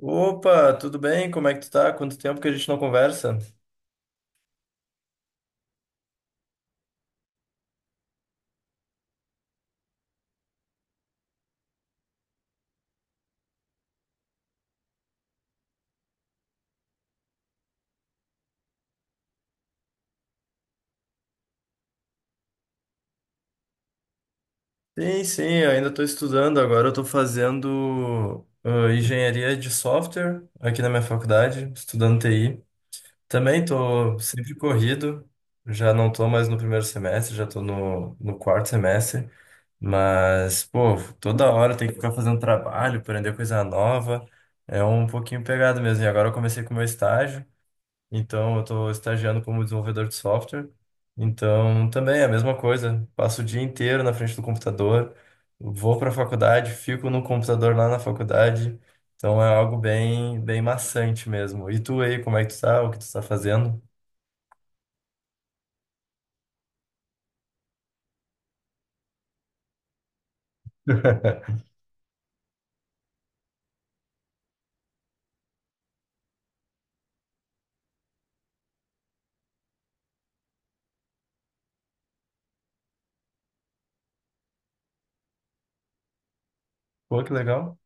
Opa, tudo bem? Como é que tu tá? Quanto tempo que a gente não conversa? Sim, sim, eu ainda estou estudando. Agora eu estou fazendo engenharia de software aqui na minha faculdade, estudando TI. Também estou sempre corrido, já não estou mais no primeiro semestre, já estou no quarto semestre. Mas, pô, toda hora tem que ficar fazendo trabalho, aprender coisa nova. É um pouquinho pegado mesmo. E agora eu comecei com o meu estágio. Então, eu estou estagiando como desenvolvedor de software. Então, também é a mesma coisa. Passo o dia inteiro na frente do computador, vou para a faculdade, fico no computador lá na faculdade. Então, é algo bem, bem maçante mesmo. E tu aí, como é que tu tá? O que tu tá fazendo? Pô, que legal.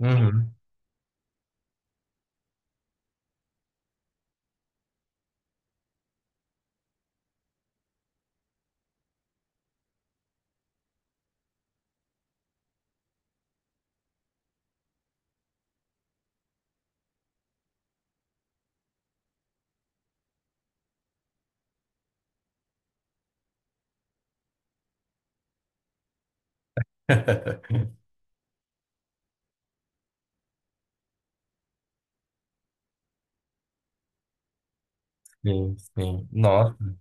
Uhum. Sim, sim. Nossa,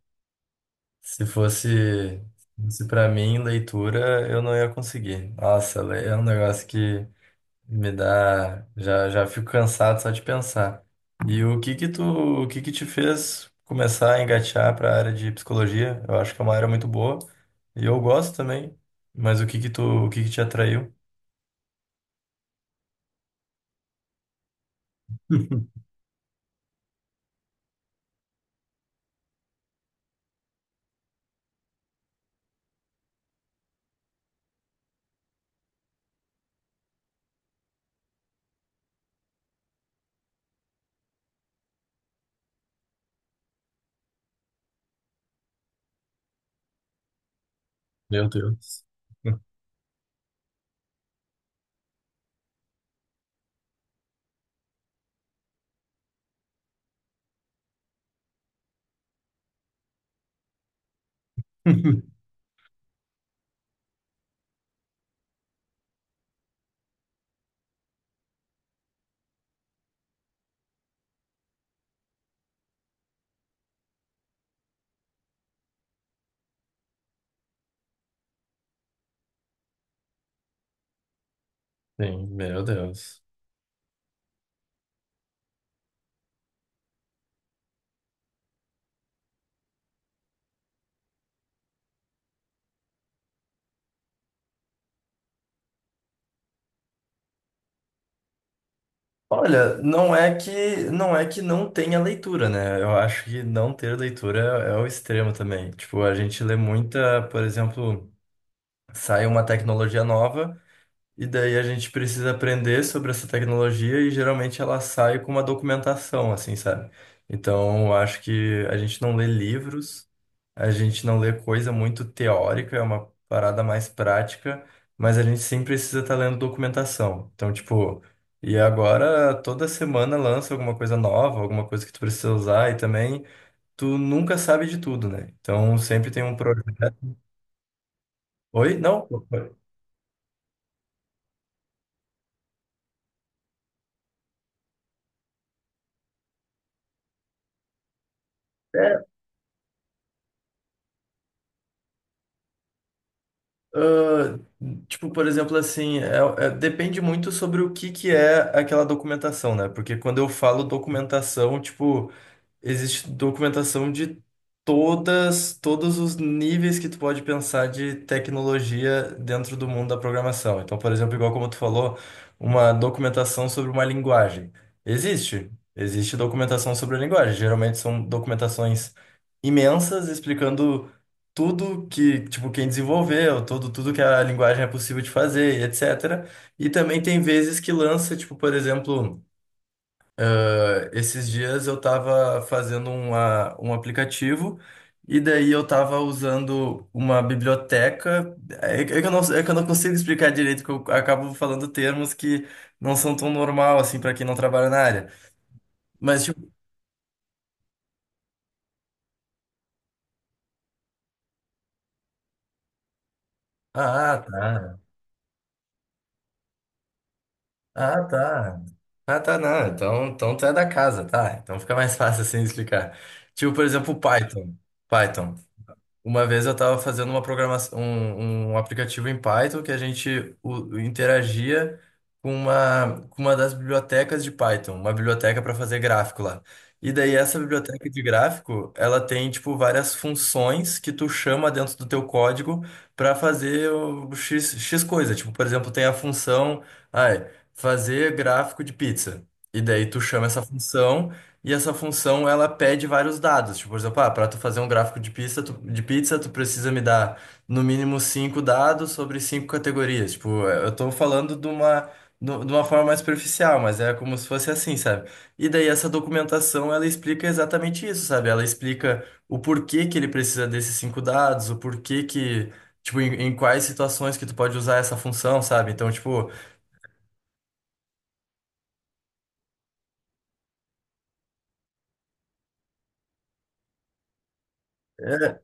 se fosse, se para mim leitura, eu não ia conseguir. Nossa, é um negócio que me dá, já já fico cansado só de pensar. E o o que que te fez começar a engatear para a área de psicologia? Eu acho que é uma área muito boa e eu gosto também. Mas o o que que te atraiu? Meu Deus. Sim, meu Deus. Olha, não é que não tenha leitura, né? Eu acho que não ter leitura é o extremo também. Tipo, a gente lê muita, por exemplo, sai uma tecnologia nova. E daí a gente precisa aprender sobre essa tecnologia e geralmente ela sai com uma documentação, assim, sabe? Então, eu acho que a gente não lê livros, a gente não lê coisa muito teórica, é uma parada mais prática, mas a gente sim precisa estar lendo documentação. Então, tipo, e agora toda semana lança alguma coisa nova, alguma coisa que tu precisa usar e também tu nunca sabe de tudo, né? Então, sempre tem um projeto. Oi? Não? Ah, tipo, por exemplo, assim, depende muito sobre o que que é aquela documentação, né? Porque quando eu falo documentação, tipo. Existe documentação de todos os níveis que tu pode pensar de tecnologia dentro do mundo da programação. Então, por exemplo, igual como tu falou, uma documentação sobre uma linguagem. Existe. Existe documentação sobre a linguagem. Geralmente são documentações imensas explicando tudo que, tipo, quem desenvolveu, tudo que a linguagem é possível de fazer, etc. E também tem vezes que lança, tipo, por exemplo. Ah, esses dias eu estava fazendo um aplicativo e daí eu estava usando uma biblioteca. É que eu não consigo explicar direito, que eu acabo falando termos que não são tão normal assim para quem não trabalha na área. Mas tipo, ah, ah, tá. Ah, tá. Ah, tá, não. Então, então tu é da casa, tá? Então fica mais fácil assim explicar. Tipo, por exemplo, Python. Python. Uma vez eu estava fazendo uma programação, um aplicativo em Python que a gente interagia com com uma das bibliotecas de Python, uma biblioteca para fazer gráfico lá. E daí essa biblioteca de gráfico, ela tem tipo várias funções que tu chama dentro do teu código para fazer o X coisa. Tipo, por exemplo, tem a função, ai, fazer gráfico de pizza. E daí tu chama essa função e essa função, ela pede vários dados. Tipo, por exemplo, ah, para tu fazer um gráfico de pizza, tu precisa me dar no mínimo cinco dados sobre cinco categorias. Tipo, eu tô falando de uma, no- de uma forma mais superficial, mas é como se fosse assim, sabe? E daí essa documentação, ela explica exatamente isso, sabe? Ela explica o porquê que ele precisa desses cinco dados, o porquê que, tipo, em quais situações que tu pode usar essa função, sabe? Então, tipo, é,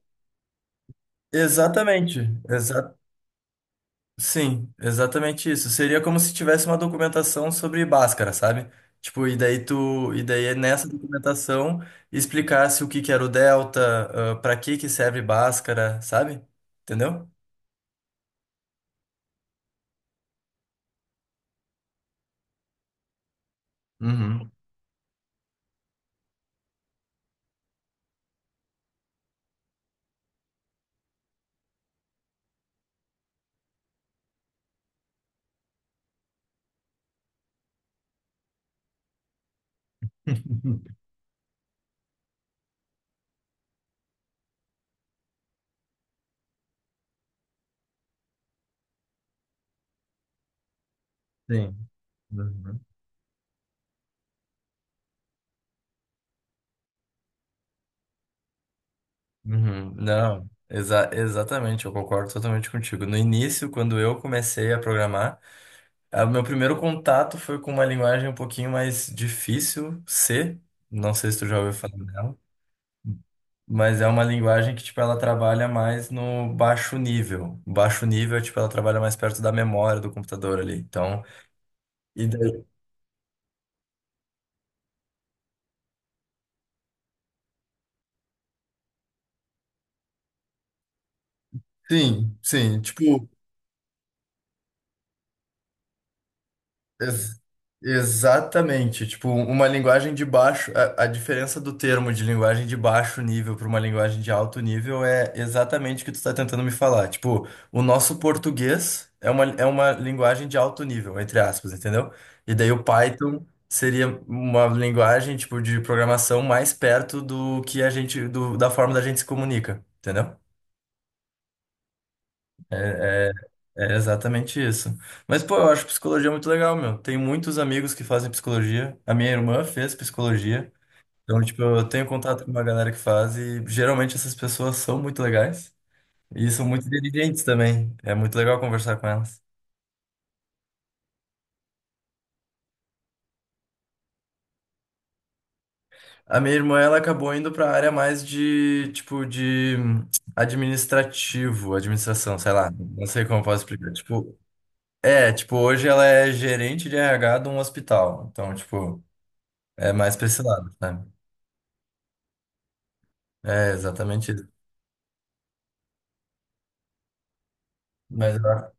exatamente, sim, exatamente isso. Seria como se tivesse uma documentação sobre Bhaskara, sabe? Tipo, e daí é nessa documentação explicasse o que que era o delta, ah, pra que que serve Bhaskara, sabe? Entendeu? Uhum. Sim. Uhum. Uhum. Não, exatamente, eu concordo totalmente contigo. No início, quando eu comecei a programar, ah, o meu primeiro contato foi com uma linguagem um pouquinho mais difícil, C. Não sei se tu já ouviu falar dela. Mas é uma linguagem que, tipo, ela trabalha mais no baixo nível. Baixo nível, é, tipo, ela trabalha mais perto da memória do computador ali. Então, e daí... Sim, sim. Tipo, Ex- exatamente. Tipo, uma linguagem de baixo. A diferença do termo de linguagem de baixo nível para uma linguagem de alto nível é exatamente o que tu está tentando me falar. Tipo, o nosso português é é uma linguagem de alto nível, entre aspas, entendeu? E daí o Python seria uma linguagem, tipo, de programação mais perto do que a gente, da forma da gente se comunica, entendeu? É exatamente isso. Mas, pô, eu acho psicologia muito legal, meu. Tem muitos amigos que fazem psicologia. A minha irmã fez psicologia. Então, tipo, eu tenho contato com uma galera que faz e geralmente essas pessoas são muito legais e são muito inteligentes também. É muito legal conversar com elas. A minha irmã, ela acabou indo para a área mais de, tipo, de administrativo, administração, sei lá. Não sei como eu posso explicar. Tipo, é, tipo, hoje ela é gerente de RH de um hospital. Então, tipo, é mais pra esse lado, sabe? É exatamente isso. Mas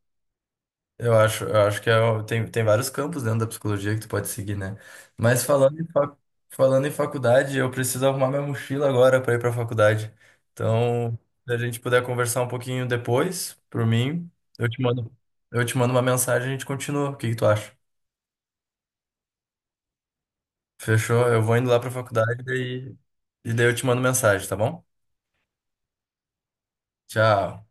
eu eu acho que é tem vários campos dentro da psicologia que tu pode seguir, né? Mas falando falando em faculdade, eu preciso arrumar minha mochila agora para ir para a faculdade. Então, se a gente puder conversar um pouquinho depois, por mim, eu te mando, eu te mando uma mensagem e a gente continua. O que que tu acha? Fechou? Eu vou indo lá para a faculdade e daí eu te mando mensagem, tá bom? Tchau.